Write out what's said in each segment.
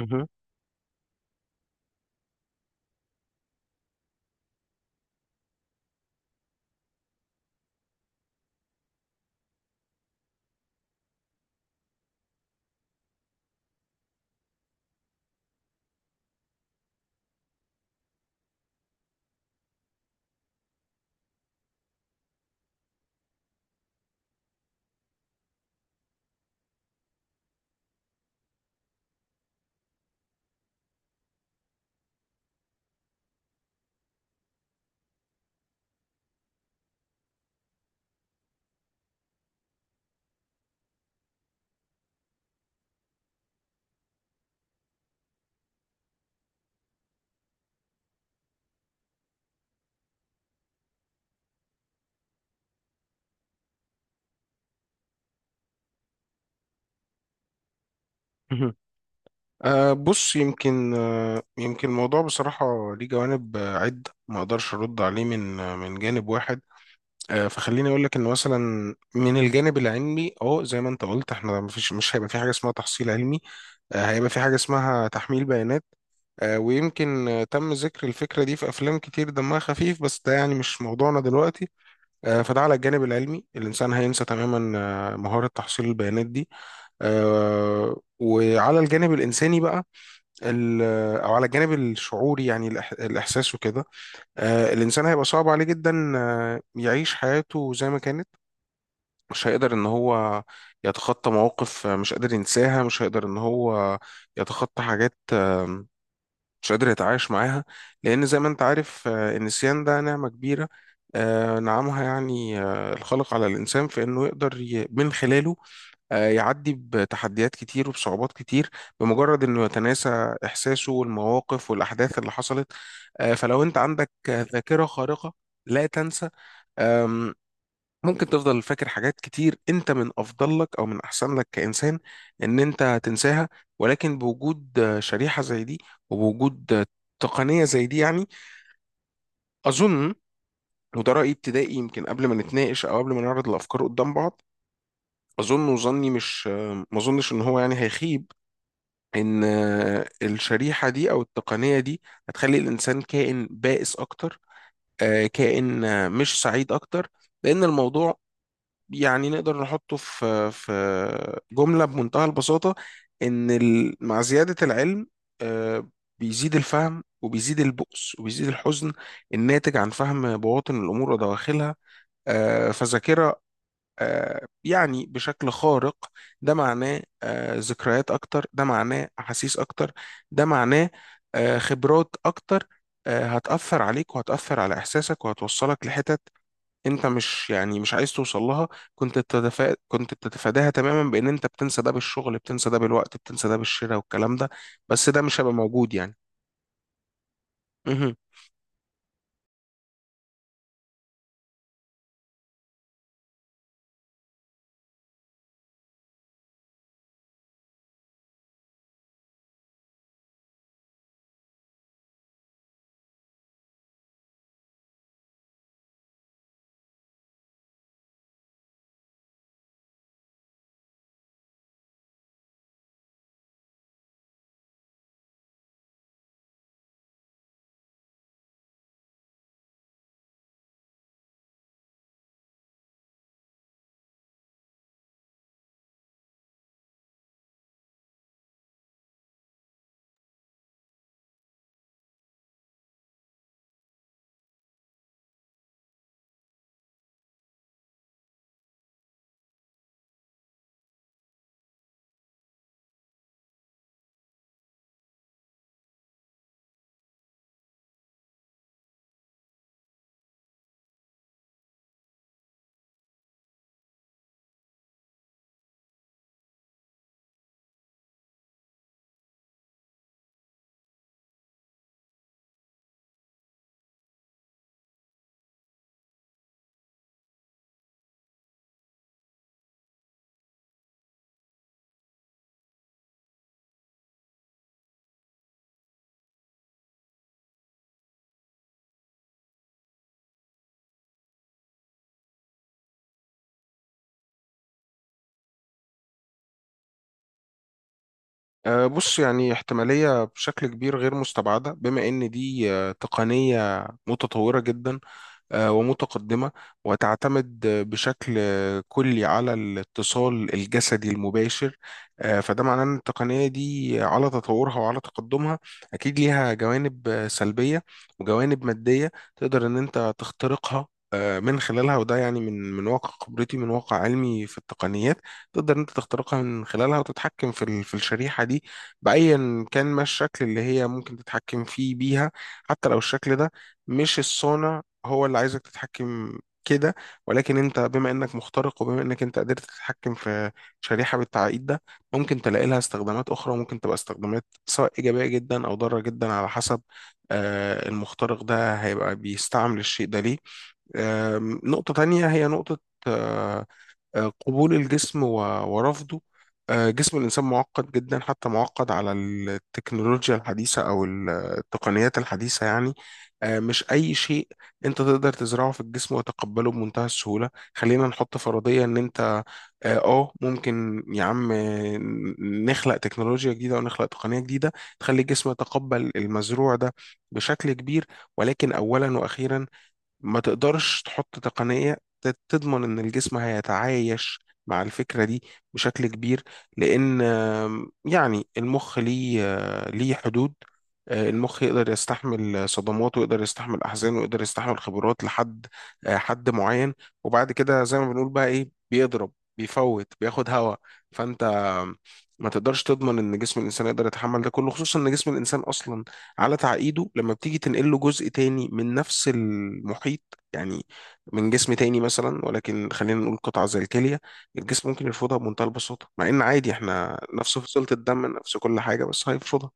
مهم. مهم. بص، يمكن الموضوع بصراحة ليه جوانب عدة، ما أقدرش أرد عليه من جانب واحد. فخليني أقول لك إن مثلا من الجانب العلمي زي ما أنت قلت، إحنا مش هيبقى في حاجة اسمها تحصيل علمي، هيبقى في حاجة اسمها تحميل بيانات. ويمكن تم ذكر الفكرة دي في أفلام كتير دمها خفيف، بس ده يعني مش موضوعنا دلوقتي. فده على الجانب العلمي، الإنسان هينسى تماما مهارة تحصيل البيانات دي. وعلى الجانب الإنساني بقى، ال- أو على الجانب الشعوري، يعني الإحساس وكده، الإنسان هيبقى صعب عليه جدا يعيش حياته زي ما كانت. مش هيقدر إن هو يتخطى مواقف مش قادر ينساها، مش هيقدر إن هو يتخطى حاجات مش قادر يتعايش معاها، لأن زي ما أنت عارف النسيان ده نعمة كبيرة نعمها يعني الخالق على الإنسان، في إنه يقدر من خلاله يعدي بتحديات كتير وبصعوبات كتير بمجرد انه يتناسى احساسه والمواقف والاحداث اللي حصلت. فلو انت عندك ذاكرة خارقة لا تنسى، آم، ممكن تفضل فاكر حاجات كتير انت من افضل لك او من احسن لك كانسان ان انت تنساها. ولكن بوجود شريحة زي دي، وبوجود تقنية زي دي، يعني اظن، وده رأيي ابتدائي يمكن قبل ما نتناقش او قبل ما نعرض الافكار قدام بعض، اظن، وظني مش آه، ما اظنش ان هو يعني هيخيب، ان الشريحه دي او التقنيه دي هتخلي الانسان كائن بائس اكتر كائن مش سعيد اكتر. لان الموضوع يعني نقدر نحطه في في جمله بمنتهى البساطه، ان مع زياده العلم آه، بيزيد الفهم وبيزيد البؤس وبيزيد الحزن الناتج عن فهم بواطن الامور ودواخلها. فذاكره يعني بشكل خارق، ده معناه ذكريات اكتر، ده معناه احاسيس اكتر، ده معناه خبرات اكتر هتأثر عليك وهتأثر على احساسك وهتوصلك لحتت انت مش يعني مش عايز توصل لها، كنت بتتفاداها تماما بان انت بتنسى ده بالشغل، بتنسى ده بالوقت، بتنسى ده بالشراء، والكلام ده بس ده مش هيبقى موجود يعني. مهم. بص، يعني احتمالية بشكل كبير غير مستبعدة، بما ان دي تقنية متطورة جدا ومتقدمة، وتعتمد بشكل كلي على الاتصال الجسدي المباشر. فده معناه ان التقنية دي على تطورها وعلى تقدمها اكيد ليها جوانب سلبية وجوانب مادية تقدر ان انت تخترقها من خلالها، وده يعني من واقع خبرتي، من واقع علمي في التقنيات، تقدر إن انت تخترقها من خلالها وتتحكم في الشريحة دي بأيا كان ما الشكل اللي هي ممكن تتحكم فيه بيها، حتى لو الشكل ده مش الصانع هو اللي عايزك تتحكم كده. ولكن انت بما انك مخترق، وبما انك انت قدرت تتحكم في شريحة بالتعقيد ده، ممكن تلاقي لها استخدامات اخرى، ممكن تبقى استخدامات سواء ايجابية جدا او ضارة جدا على حسب المخترق ده هيبقى بيستعمل الشيء ده ليه. نقطة تانية هي نقطة آه، قبول الجسم ورفضه. جسم الإنسان معقد جدا، حتى معقد على التكنولوجيا الحديثة أو التقنيات الحديثة يعني. مش أي شيء أنت تقدر تزرعه في الجسم وتقبله بمنتهى السهولة. خلينا نحط فرضية إن أنت ممكن يا عم نخلق تكنولوجيا جديدة ونخلق تقنية جديدة تخلي الجسم يتقبل المزروع ده بشكل كبير، ولكن أولا وأخيرا ما تقدرش تحط تقنية تضمن إن الجسم هيتعايش مع الفكرة دي بشكل كبير، لأن يعني المخ ليه ليه حدود. المخ يقدر يستحمل صدمات، ويقدر يستحمل أحزان، ويقدر يستحمل خبرات لحد حد معين، وبعد كده زي ما بنقول بقى إيه، بيضرب، بيفوت، بياخد هوا. فأنت ما تقدرش تضمن إن جسم الإنسان يقدر يتحمل ده كله، خصوصا إن جسم الإنسان أصلا على تعقيده لما بتيجي تنقل له جزء تاني من نفس المحيط، يعني من جسم تاني مثلا، ولكن خلينا نقول قطعة زي الكلية، الجسم ممكن يرفضها بمنتهى البساطة، مع إن عادي إحنا نفس فصيلة الدم، نفس كل حاجة، بس هيرفضها.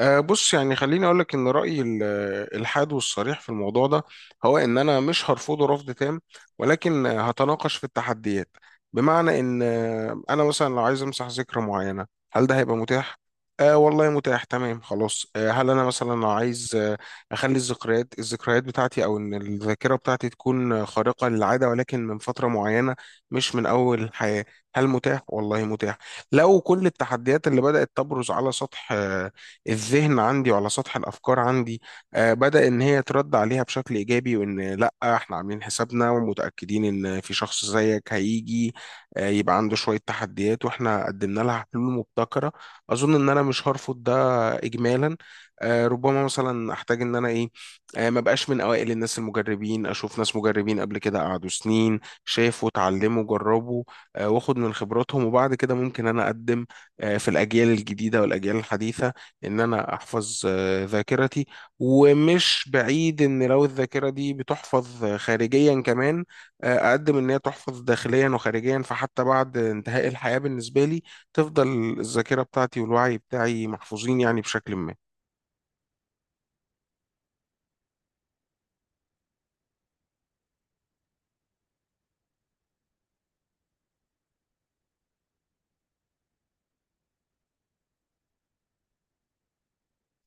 بص، يعني خليني أقولك إن رأيي الحاد والصريح في الموضوع ده هو إن أنا مش هرفضه رفض تام، ولكن هتناقش في التحديات، بمعنى إن أنا مثلا لو عايز أمسح ذكرى معينة، هل ده هيبقى متاح؟ والله متاح، تمام خلاص. هل أنا مثلا لو عايز أخلي الذكريات بتاعتي، أو إن الذاكرة بتاعتي تكون خارقة للعادة ولكن من فترة معينة مش من أول الحياة، هل متاح؟ والله متاح. لو كل التحديات اللي بدأت تبرز على سطح الذهن عندي وعلى سطح الافكار عندي بدا ان هي ترد عليها بشكل ايجابي، وان لا احنا عاملين حسابنا ومتاكدين ان في شخص زيك هيجي يبقى عنده شويه تحديات، واحنا قدمنا لها حلول مبتكره، اظن ان انا مش هرفض ده اجمالا. ربما مثلا احتاج ان انا ايه ما بقاش من اوائل الناس المجربين، اشوف ناس مجربين قبل كده قعدوا سنين، شافوا، اتعلموا، جربوا واخد من خبراتهم، وبعد كده ممكن انا اقدم في الاجيال الجديده والاجيال الحديثه ان انا احفظ ذاكرتي. ومش بعيد ان لو الذاكره دي بتحفظ خارجيا كمان اقدم ان هي تحفظ داخليا وخارجيا، فحتى بعد انتهاء الحياه بالنسبه لي تفضل الذاكره بتاعتي والوعي بتاعي محفوظين يعني بشكل ما.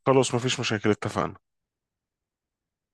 خلاص، مفيش مشاكل، اتفقنا.